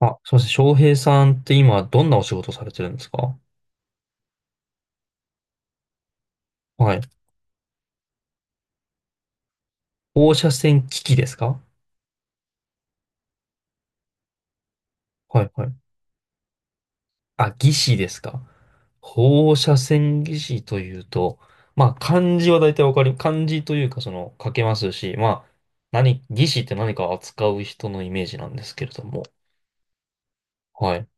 あ、すしま翔平さんって今どんなお仕事されてるんですか？はい。放射線機器ですか？はいはい。あ、技師ですか？放射線技師というと、まあ漢字は大体わかり、漢字というかその書けますし、まあ何、技師って何かを扱う人のイメージなんですけれども。はい。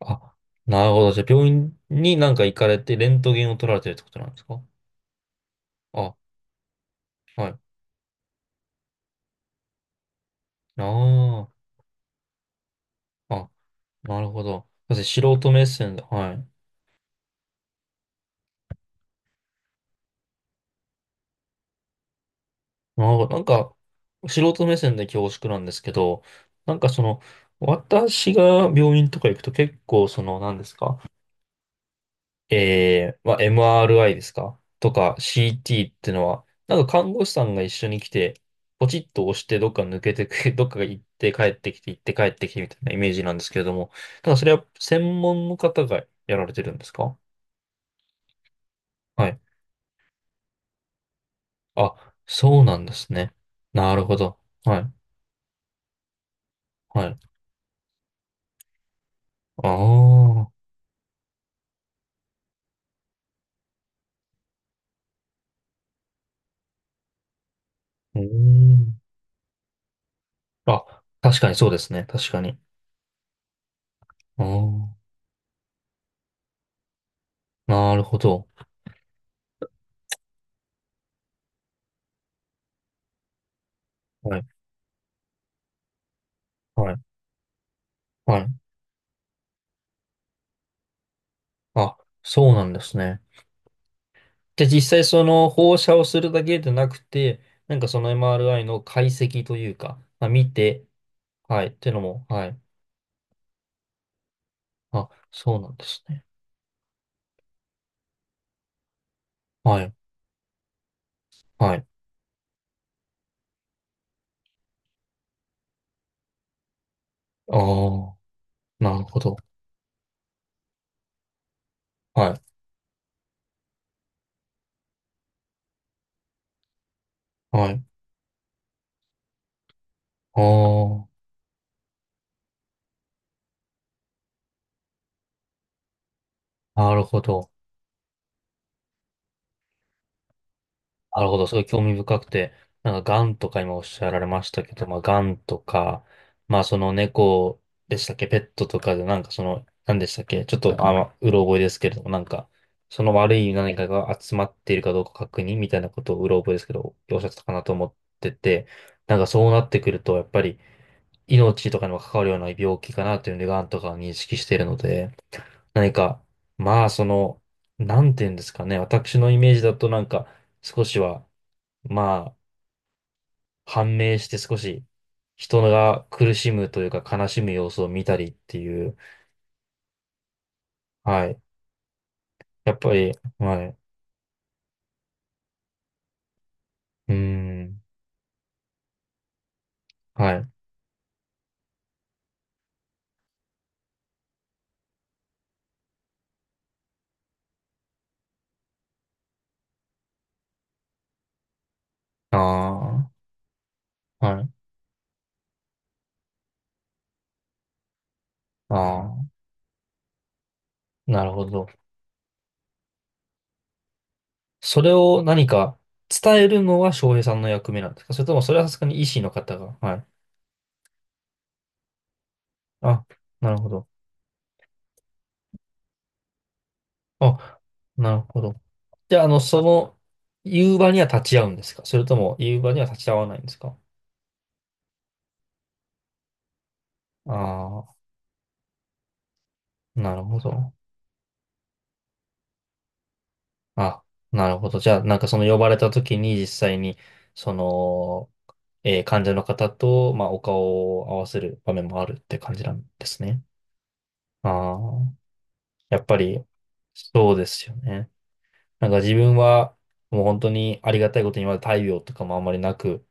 あ、なるほど。じゃあ病院になんか行かれてレントゲンを取られてるってことなんですか？あ、はい。ああ、あ、なるほど。だって素人目線で、はい。ああ、なんか、素人目線で恐縮なんですけど、なんかその、私が病院とか行くと結構その、何ですか？まあ、MRI ですかとか CT ってのは、なんか看護師さんが一緒に来て、ポチッと押してどっか抜けてく、どっかが行って帰ってきて、行って帰ってきてみたいなイメージなんですけれども、ただそれは専門の方がやられてるんですか？はい。あ、そうなんですね。なるほど。はい。はい。ああ。うーん、あ、確かにそうですね。確かに。ああ、なるほど。はい、はい、はい。あ、そうなんですね。で、実際その放射をするだけでなくて、なんかその MRI の解析というか、まあ、見て、はい、っていうのも、はい。あ、そうなんですね。はい、はい。ああ、なるほど。はい、はい。ああ、なるほど。なるほど。すごい興味深くて、なんか、ガンとか今おっしゃられましたけど、まあ、ガンとか、まあ、その猫でしたっけ、ペットとかで、なんかその、何でしたっけ、ちょっと、あの、うろ覚えですけれども、なんか、その悪い何かが集まっているかどうか確認みたいなことをうろ覚えですけど、おっしゃってたかなと思ってて、なんかそうなってくると、やっぱり、命とかにも関わるような病気かなというので、ガンとかは認識しているので、何か、まあ、その、なんていうんですかね、私のイメージだとなんか、少しは、まあ、判明して少し人が苦しむというか悲しむ様子を見たりっていう、はい。やっぱり、はい。うーん、はい。ああ、はい。ああ、なるほど。それを何か伝えるのは翔平さんの役目なんですか？それともそれはさすがに医師の方が。はい。あ、なるほど。あ、なるほど。じゃあ、あの、その、夕場には立ち会うんですか？それとも夕場には立ち会わないんですか？ああー、なるほど。あ、なるほど。じゃあ、なんかその呼ばれた時に実際に、その、患者の方と、まあ、お顔を合わせる場面もあるって感じなんですね。ああ、やっぱり、そうですよね。なんか自分は、もう本当にありがたいことに、まだ大病とかもあんまりなく、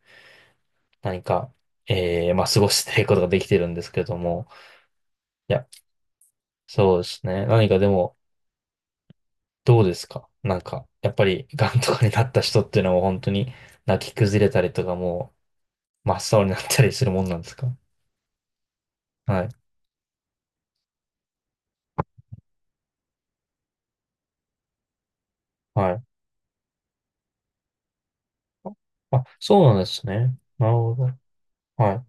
何か、まあ、過ごしていくことができてるんですけれども、いや、そうですね。何かでも、どうですかなんか、やっぱり、癌とかになった人っていうのはもう本当に、泣き崩れたりとかも真っ青になったりするもんなんですか？はい。はい。あ、そうなんですね。なるほど。はい。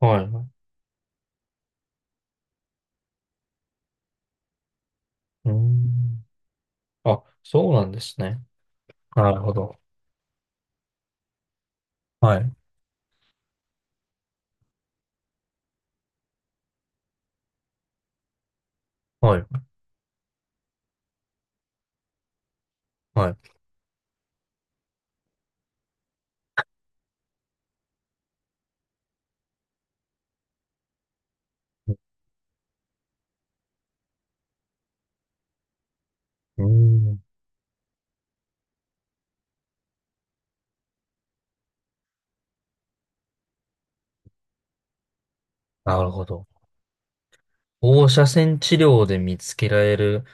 はい。うーん。あ、そうなんですね。なるほど。はい。はい。はい。うーん。なるほど。放射線治療で見つけられる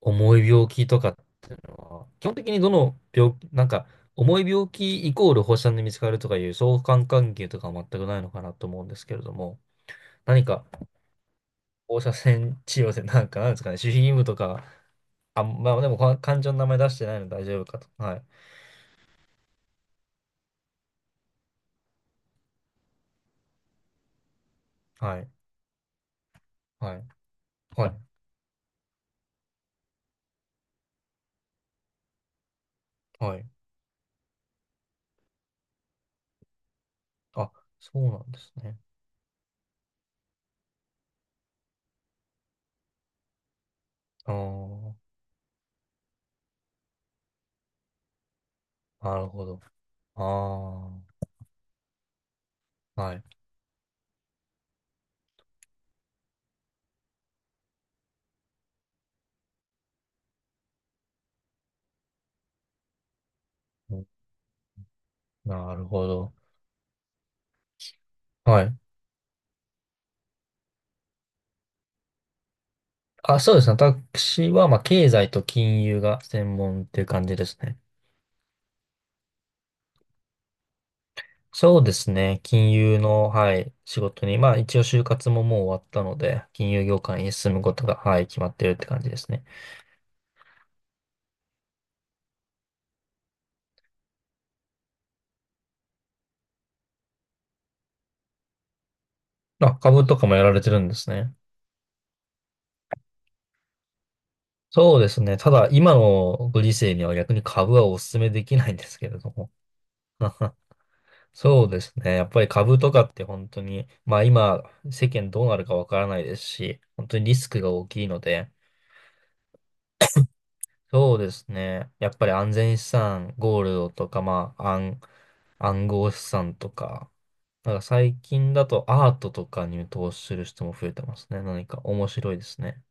重い病気とかっていうのは、基本的にどの病気、なんか、重い病気イコール放射線で見つかるとかいう相関関係とかは全くないのかなと思うんですけれども、何か放射線治療でなんか、なんですかね、守秘義務とか、あ、まあでもか漢字の名前出してないので大丈夫かと。はい。はい。はい。はい。はい。あ、そうなんですね。ああ、なるほど。ああ、はい。うん、なるほど。はい。あ、そうですね。私は、まあ、経済と金融が専門っていう感じですね。そうですね。金融の、はい、仕事に、まあ、一応就活ももう終わったので、金融業界に進むことが、はい、決まってるって感じですね。あ、株とかもやられてるんですね。そうですね。ただ、今のご時世には逆に株はお勧めできないんですけれども。そうですね。やっぱり株とかって本当に、まあ今、世間どうなるかわからないですし、本当にリスクが大きいので、そうですね。やっぱり安全資産、ゴールドとか、まあ、暗、暗号資産とか、なんか最近だとアートとかに投資する人も増えてますね。何か面白いですね。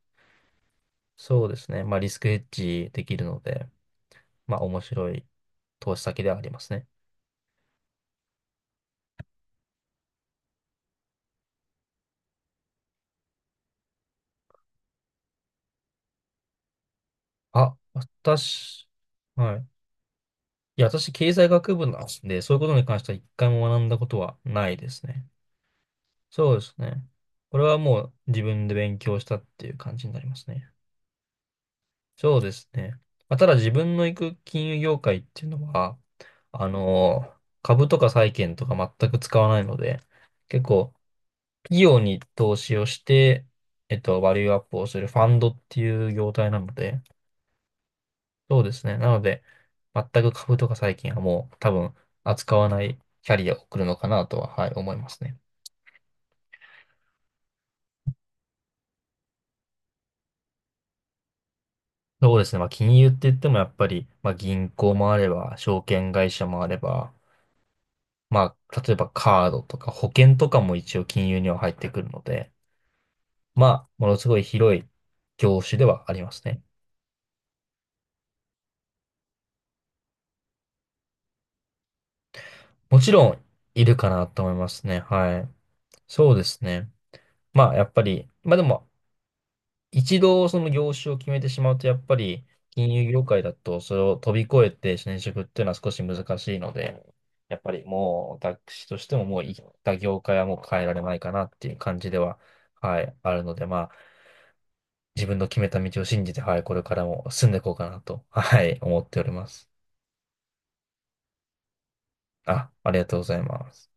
そうですね。まあリスクヘッジできるので。まあ面白い投資先ではありますね。あ、私、はい。いや、私、経済学部なんで、そういうことに関しては一回も学んだことはないですね。そうですね。これはもう自分で勉強したっていう感じになりますね。そうですね。まあ、ただ自分の行く金融業界っていうのは、あの、株とか債券とか全く使わないので、結構企業に投資をして、えっと、バリューアップをするファンドっていう業態なので、そうですね。なので、全く株とか最近はもう多分扱わないキャリアを送るのかなとは、はい、思いますね。そうですね。まあ、金融って言ってもやっぱり、まあ、銀行もあれば、証券会社もあれば、まあ、例えばカードとか保険とかも一応金融には入ってくるので、まあ、ものすごい広い業種ではありますね。もちろん、いるかなと思いますね。はい。そうですね。まあ、やっぱり、まあでも、一度その業種を決めてしまうと、やっぱり金融業界だとそれを飛び越えて転職っていうのは少し難しいので、やっぱりもう私としてももう行った業界はもう変えられないかなっていう感じでは、はい、あるので、まあ自分の決めた道を信じて、はい、これからも進んでいこうかなと、はい、思っております。あ、ありがとうございます。